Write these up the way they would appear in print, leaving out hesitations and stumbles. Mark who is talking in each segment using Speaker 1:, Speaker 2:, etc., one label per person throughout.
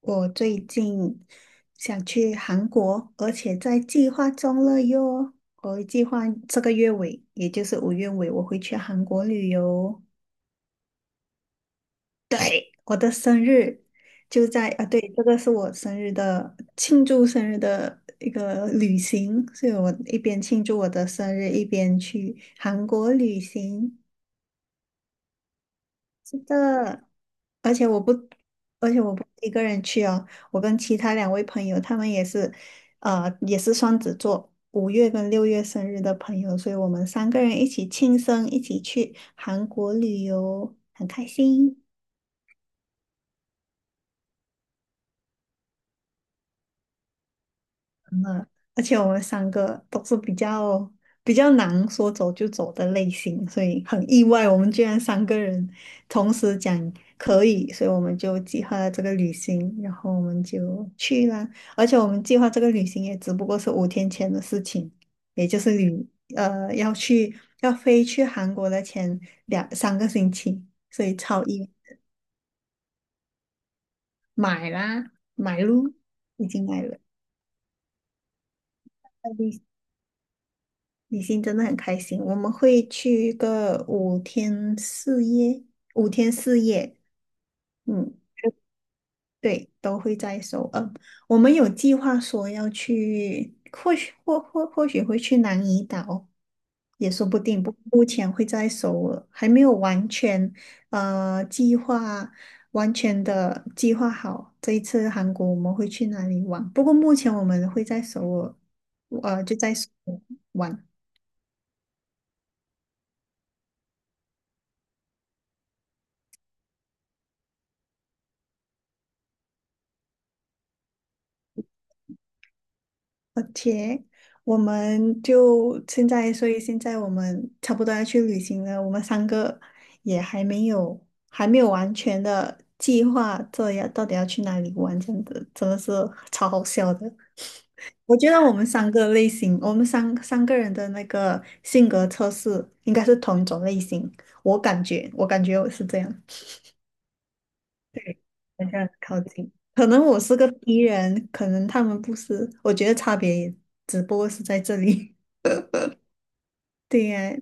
Speaker 1: 我最近想去韩国，而且在计划中了哟。我计划这个月尾，也就是5月尾，我会去韩国旅游。对，我的生日就在啊，对，这个是我生日的庆祝生日的一个旅行，所以我一边庆祝我的生日，一边去韩国旅行。是的，而且我不，而且我不是一个人去哦，我跟其他2位朋友，他们也是，也是双子座，5月跟6月生日的朋友，所以我们三个人一起庆生，一起去韩国旅游，很开心。而且我们三个都是比较难说走就走的类型，所以很意外，我们居然三个人同时讲可以，所以我们就计划了这个旅行，然后我们就去啦。而且我们计划这个旅行也只不过是5天前的事情，也就是旅呃要去要飞去韩国的前2、3个星期，所以买啦，买咯，已经买了。李欣真的很开心，我们会去一个五天四夜，五天四夜，嗯，对，都会在首尔。我们有计划说要去，或许会去南怡岛，也说不定。不，目前会在首尔，还没有呃计划，完全的计划好这一次韩国我们会去哪里玩。不过目前我们会在首尔，就在首尔玩。OK，我们就现在，所以现在我们差不多要去旅行了。我们三个也还没有完全的计划，这要到底要去哪里玩，这样子真的是超好笑的。我觉得我们三个类型，我们三个人的那个性格测试应该是同一种类型，我感觉我是这样，好像靠近。可能我是个敌人，可能他们不是，我觉得差别也只不过是在这里。对呀，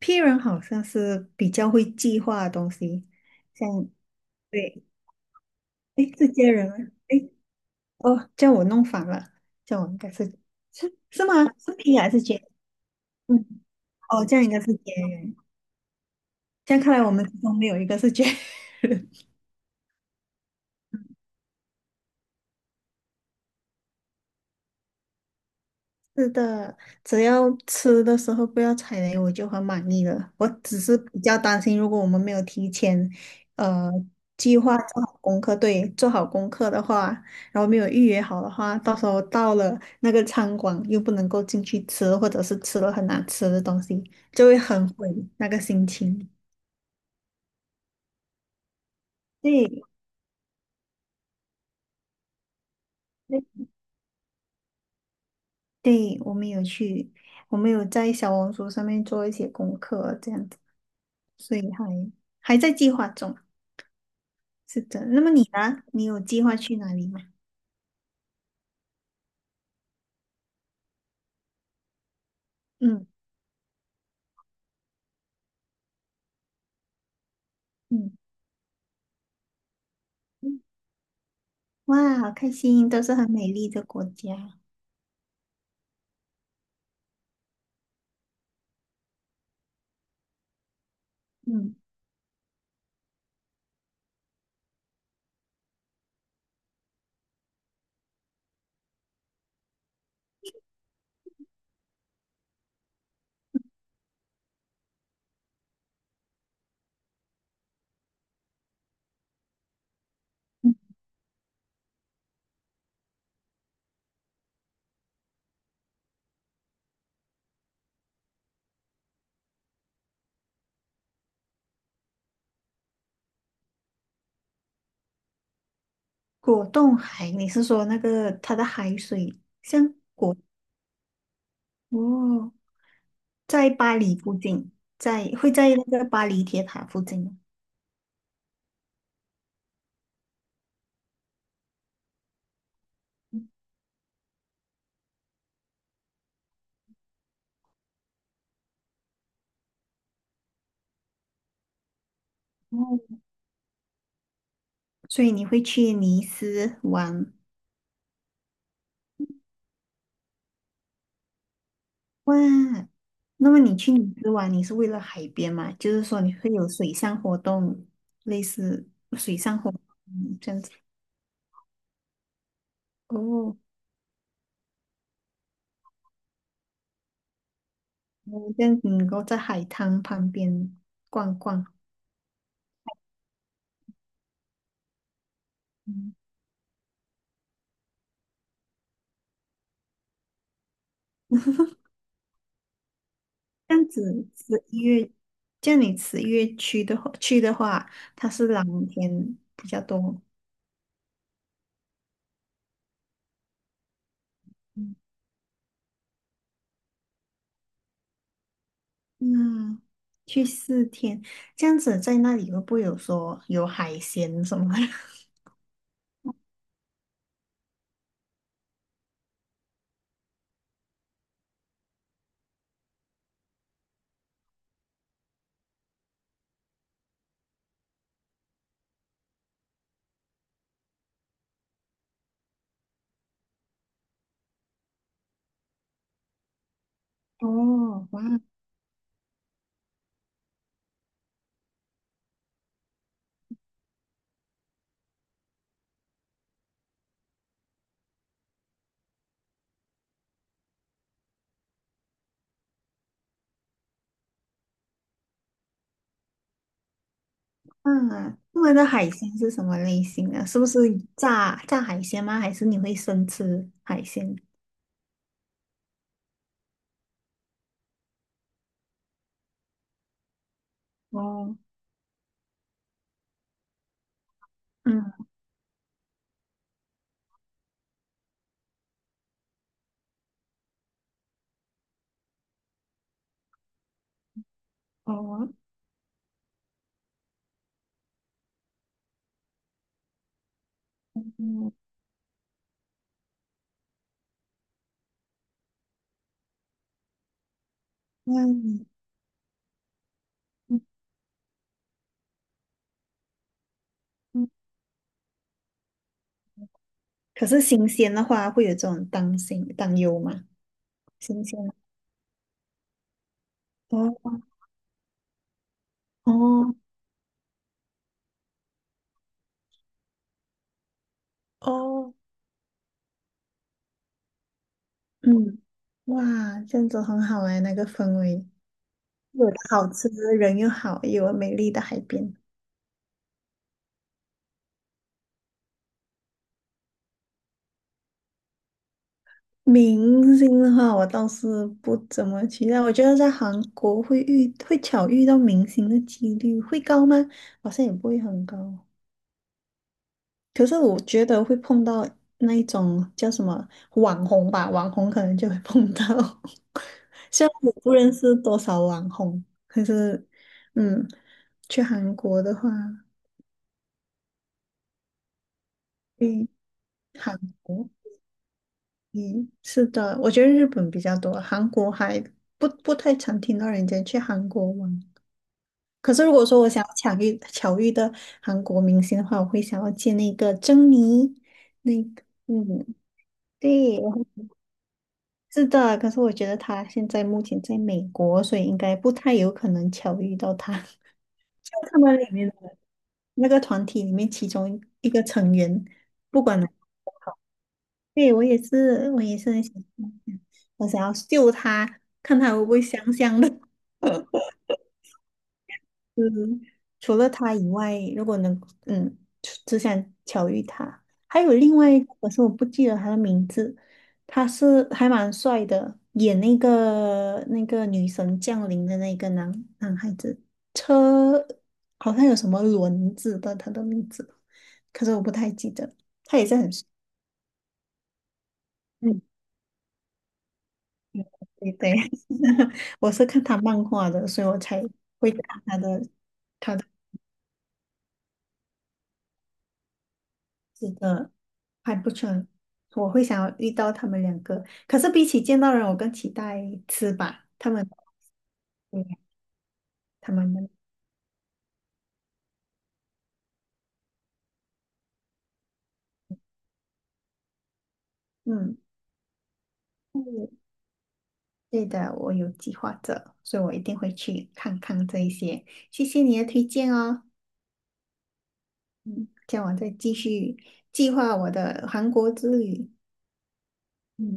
Speaker 1: P 人好像是比较会计划的东西，像对，诶，是接人吗？诶，哦，叫我弄反了，叫我应该是吗？是 P 还是 J？嗯，哦，这样应该是 J 人。这样看来我们之中没有一个是 J 人。是的，只要吃的时候不要踩雷，我就很满意了。我只是比较担心，如果我们没有提前，呃，计划做好功课，对，做好功课的话，然后没有预约好的话，到时候到了那个餐馆又不能够进去吃，或者是吃了很难吃的东西，就会很毁那个心情。对，对，对，我们有在小红书上面做一些功课，这样子，所以还在计划中。是的，那么你呢？你有计划去哪里吗？嗯嗯，嗯哇，好开心，都是很美丽的国家。嗯嗯，果冻海，你是说那个它的海水像哦，在巴黎附近，会在那个巴黎铁塔附近吗？嗯哦，所以你会去尼斯玩？哇？那么你去尼斯玩，你是为了海边嘛？就是说你会有水上活动，类似水上活动这样子哦。嗯这样子能够在海滩旁边逛逛。嗯，这样子十一月，这样你十一月去的话，它是蓝天比较多。嗯那去4天，这样子在那里会不会有说有海鲜什么的？哦，哇，嗯，他们的海鲜是什么类型啊？是不是炸海鲜吗？还是你会生吃海鲜？哦，嗯，哦，嗯，那你。可是新鲜的话，会有这种担心担忧吗？新鲜的哦哦哦，嗯，哇，这样子很好哎，那个氛围，有的好吃，人又好，又有美丽的海边。明星的话，我倒是不怎么期待。我觉得在韩国会巧遇到明星的几率会高吗？好像也不会很高。可是我觉得会碰到那一种叫什么网红吧，网红可能就会碰到。虽然我不认识多少网红，可是，嗯，去韩国的话，嗯，韩国，嗯，是的，我觉得日本比较多，韩国还不太常听到人家去韩国玩。可是如果说我想要巧遇的韩国明星的话，我会想要见那个珍妮，那个，嗯，对，然后。是的，可是我觉得他现在目前在美国，所以应该不太有可能巧遇到他。就他们里面的那个团体里面，其中一个成员，不管哪个都好。对，我也是很想，嗯我想要救他，看他会不会香香的。嗯，除了他以外，如果能，嗯，只想巧遇他，还有另外一个，可是我不记得他的名字，他是还蛮帅的，演那个女神降临的那个男孩子，车好像有什么轮子的，他的名字，可是我不太记得，他也是很帅，嗯，对对，我是看他漫画的，所以我才会看他的，他的。是的，还不错。我会想要遇到他们两个，可是比起见到人，我更期待吃吧。他们，对他们的嗯，嗯对的，我有计划着，所以我一定会去看看这一些。谢谢你的推荐哦，叫我再继续计划我的韩国之旅。嗯